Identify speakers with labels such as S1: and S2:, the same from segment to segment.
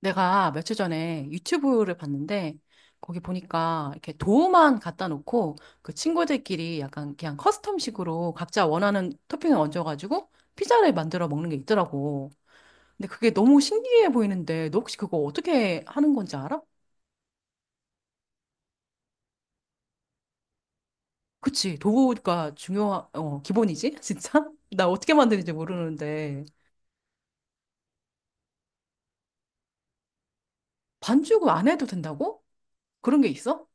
S1: 내가 며칠 전에 유튜브를 봤는데 거기 보니까 이렇게 도우만 갖다 놓고 그 친구들끼리 약간 그냥 커스텀식으로 각자 원하는 토핑을 얹어가지고 피자를 만들어 먹는 게 있더라고. 근데 그게 너무 신기해 보이는데 너 혹시 그거 어떻게 하는 건지 알아? 그치. 도우가 중요한, 어, 기본이지? 진짜? 나 어떻게 만드는지 모르는데 반죽을 안 해도 된다고? 그런 게 있어?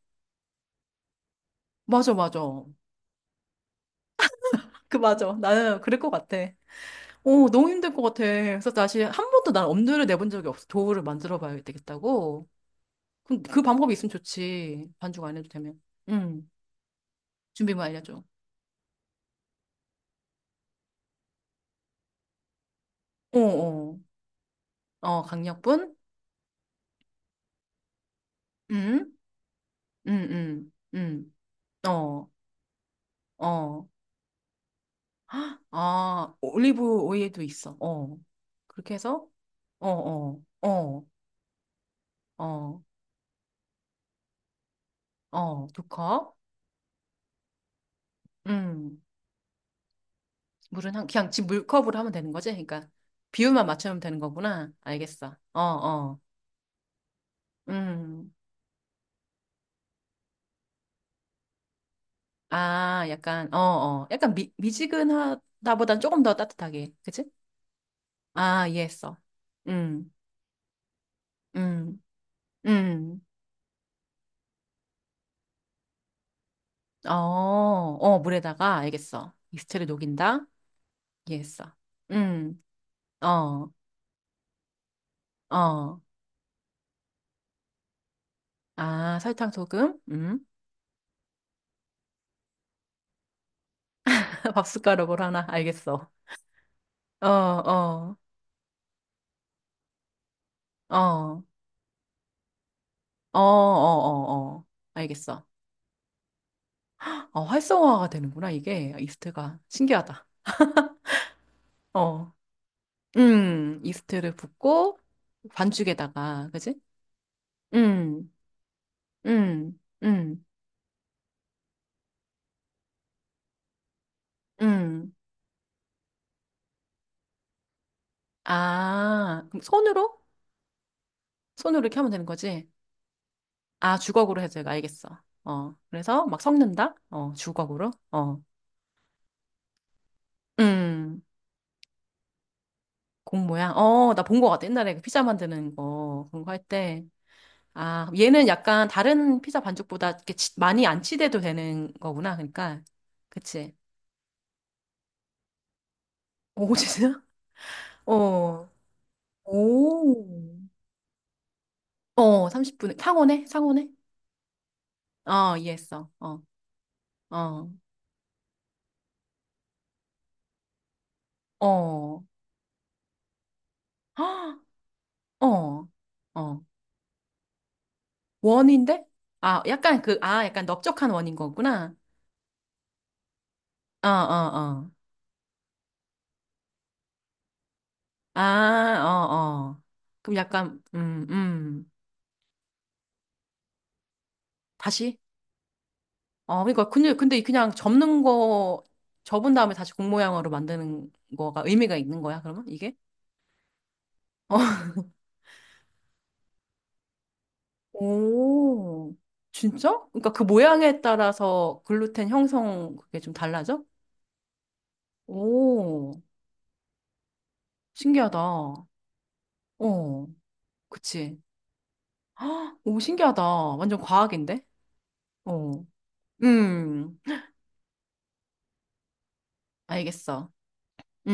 S1: 맞아, 맞아. 그, 맞아. 나는 그럴 것 같아. 오, 너무 힘들 것 같아. 그래서 다시 한 번도 난 엄두를 내본 적이 없어. 도우를 만들어 봐야 되겠다고. 그럼 그 방법이 있으면 좋지. 반죽 안 해도 되면. 응. 준비물 알려줘. 어, 어. 어, 강력분? 응? 응, 응, 응. 어, 어. 헉, 아, 올리브 오일도 있어. 어. 그렇게 해서, 어, 어, 어, 어, 어. 두 컵. 응. 물은 한, 그냥 지금 물컵으로 하면 되는 거지? 그러니까. 비율만 맞추면 되는 거구나. 알겠어. 어, 어. 음. 아, 약간, 어, 어. 약간 미지근하다보단 조금 더 따뜻하게. 그치? 아, 이해했어. 음, 음, 음. 어, 어, 물에다가, 알겠어. 이스트를 녹인다? 이해했어. 음, 어, 어. 아, 설탕, 소금? 음. 밥숟가락으로 하나? 알겠어. 어, 어, 어, 어, 어, 어, 어. 알겠어. 어, 활성화가 되는구나, 이게. 이스트가. 신기하다. 어. 이스트를 붓고 반죽에다가, 그지? 음, 음, 음, 음. 아, 그럼 손으로? 손으로 이렇게 하면 되는 거지? 아, 주걱으로 해서되가 알겠어. 어, 그래서 막 섞는다? 어, 주걱으로? 어, 음, 공 모양? 어, 나 본 거 같아. 옛날에 그 피자 만드는 거, 그런 거 할 때. 아, 그럼 얘는 약간 다른 피자 반죽보다 이렇게 많이 안 치대도 되는 거구나. 그러니까. 그치? 오, 진짜? 어. 오. 어, 30분에. 상온에? 상온에? 어, 이해했어. 어, 어, 어, 헉, 어, 어. 원인데? 아, 약간 그, 아, 약간 넓적한 원인 거구나. 어, 어, 어. 아, 어, 어. 그럼 약간, 다시? 어, 그러니까, 근데, 근데 그냥 접는 거, 접은 다음에 다시 공 모양으로 만드는 거가 의미가 있는 거야, 그러면? 이게? 어. 오, 진짜? 그러니까 그 모양에 따라서 글루텐 형성 그게 좀 달라져? 오, 신기하다. 어, 그치. 헉, 오, 신기하다. 완전 과학인데? 어, 음, 알겠어. 음,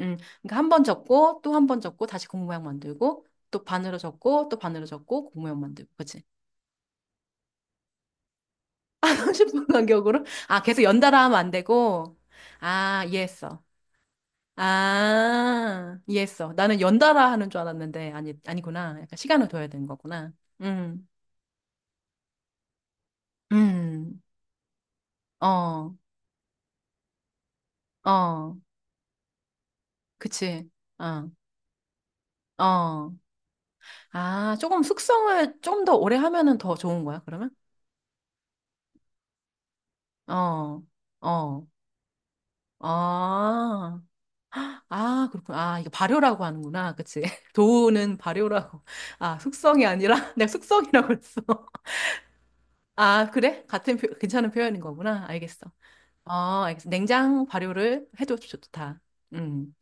S1: 음. 그러니까 한 번 접고, 또 한 번 접고, 다시 고무 모양 만들고, 또 반으로 접고, 또 반으로 접고, 고무 모양 만들고, 그치? 삼십 분 간격으로? 아, 계속 연달아 하면 안 되고? 아, 이해했어. 아, 이해했어. 나는 연달아 하는 줄 알았는데, 아니, 아니구나. 약간 시간을 둬야 되는 거구나. 음, 음, 어, 어. 그치. 어, 어. 아, 조금 숙성을 좀 더 오래 하면은 더 좋은 거야, 그러면? 어, 어. 아, 아, 그렇구나. 아, 이거 발효라고 하는구나. 그치. 도우는 발효라고. 아, 숙성이 아니라 내가 숙성이라고 그랬어. 아, 그래? 같은 표, 괜찮은 표현인 거구나. 알겠어. 어, 알겠어. 냉장 발효를 해도 좋다. 음.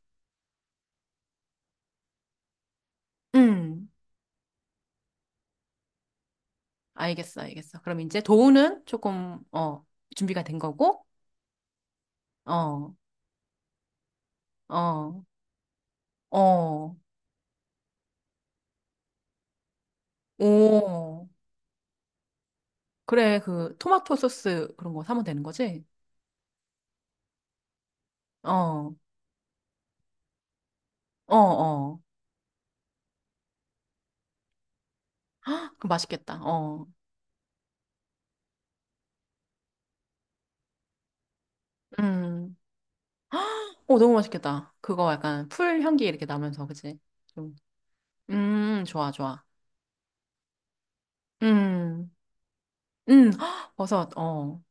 S1: 음. 알겠어, 알겠어. 그럼 이제 도우는 조금, 어, 준비가 된 거고, 어, 어. 어, 오. 그래, 그, 토마토 소스 그런 거 사면 되는 거지? 어, 어, 어. 헉, 그럼 맛있겠다. 어, 음. 어, 너무 맛있겠다. 그거 약간 풀 향기 이렇게 나면서, 그치? 좀. 좋아, 좋아. 음, 헉, 버섯, 어,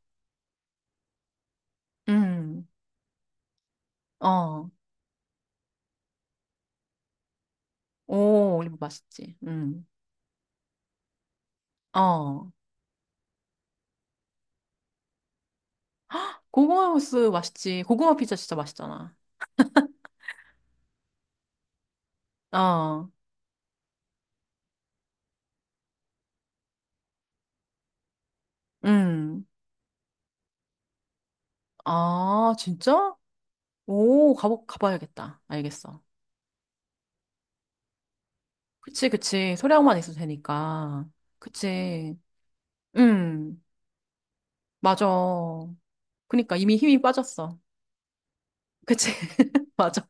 S1: 음, 어. 오, 올리브 맛있지. 어. 고구마 소스 맛있지. 고구마 피자 진짜 맛있잖아. 어, 음. 아, 진짜? 오, 가보, 가봐야겠다. 알겠어. 그치, 그치. 소량만 있어도 되니까. 그치. 음, 맞아. 그니까 이미 힘이 빠졌어. 그치, 맞아.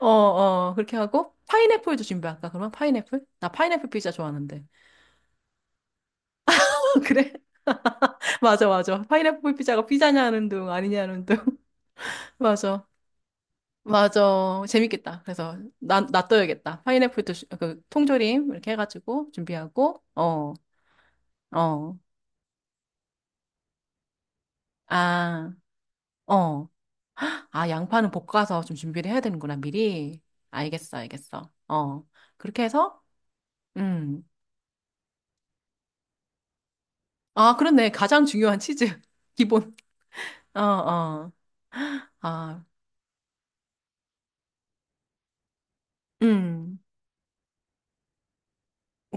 S1: 어, 어, 그렇게 하고. 파인애플도 준비할까, 그러면? 파인애플? 나 파인애플 피자 좋아하는데. 그래? 맞아, 맞아. 파인애플 피자가 피자냐는 둥, 아니냐는 둥. 맞아. 맞아. 재밌겠다. 그래서, 나, 놔둬야겠다. 파인애플도, 그, 통조림, 이렇게 해가지고, 준비하고, 어, 어. 아. 어. 아, 양파는 볶아서 좀 준비를 해야 되는구나, 미리. 알겠어, 알겠어. 어. 그렇게 해서, 음. 아, 그렇네. 가장 중요한 치즈. 기본. 어, 어. 아, 음.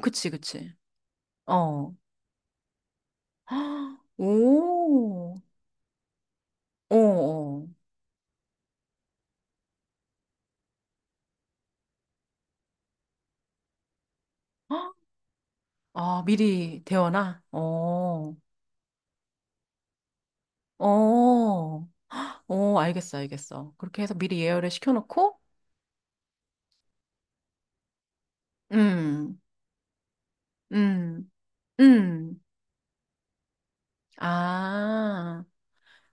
S1: 그치, 그치. 어. 오. 어, 어. 아, 미리 데워놔? 어. 어. 어, 알겠어, 알겠어. 그렇게 해서 미리 예열을 시켜놓고, 음, 음, 음. 아.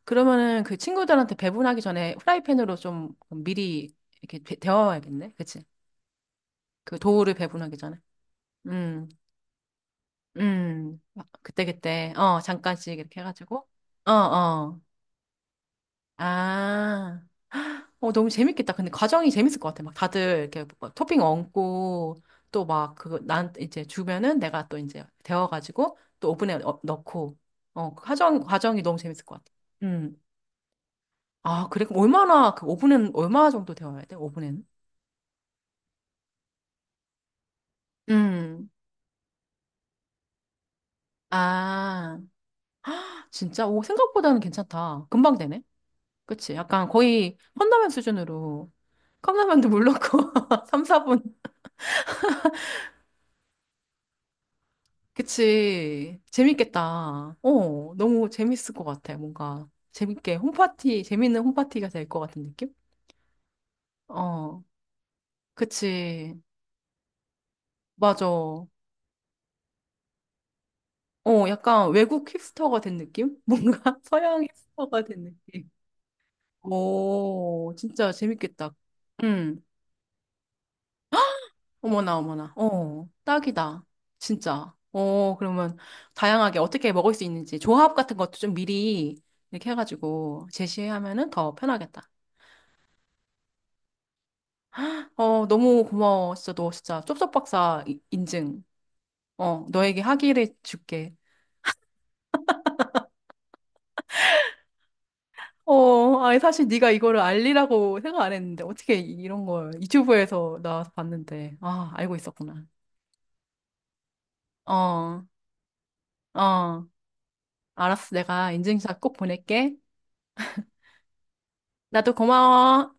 S1: 그러면은 그 친구들한테 배분하기 전에 프라이팬으로 좀 미리 이렇게 데워야겠네 그치? 그 도우를 배분하기 전에. 음, 음. 그때그때, 어, 잠깐씩 이렇게 해가지고. 어, 어. 아. 어, 너무 재밌겠다. 근데 과정이 재밌을 것 같아. 막 다들 이렇게 뭐 토핑 얹고 또 막 그거 난 이제 주면은 내가 또 이제 데워가지고 또 오븐에 넣고. 어, 그 과정, 과정이 너무 재밌을 것 같아. 음. 아, 그래? 그럼 얼마나, 그 오븐은 얼마 정도 데워야 돼? 오븐에는? 음. 아, 진짜? 오, 생각보다는 괜찮다. 금방 되네. 그치? 약간 거의 컵라면 수준으로. 컵라면도 물 넣고, 3, 4분. 그치. 재밌겠다. 어, 너무 재밌을 것 같아. 뭔가 재밌게 홈파티, 재밌는 홈파티가 될 것 같은 느낌? 어, 그치. 맞아. 어, 약간 외국 힙스터가 된 느낌? 뭔가 서양 힙스터가 된 느낌. 오, 진짜 재밌겠다. 음. 어머나, 어머나. 어, 딱이다. 진짜. 어, 그러면 다양하게 어떻게 먹을 수 있는지 조합 같은 것도 좀 미리 이렇게 해가지고 제시하면은 더 편하겠다. 어, 너무 고마워. 진짜 너 진짜 쩝쩝 박사 인증. 어, 너에게 학위를 줄게. 어, 아니 사실 네가 이거를 알리라고 생각 안 했는데 어떻게 이런 걸 유튜브에서 나와서 봤는데 아, 알고 있었구나. 어, 어, 알았어. 내가 인증샷 꼭 보낼게. 나도 고마워.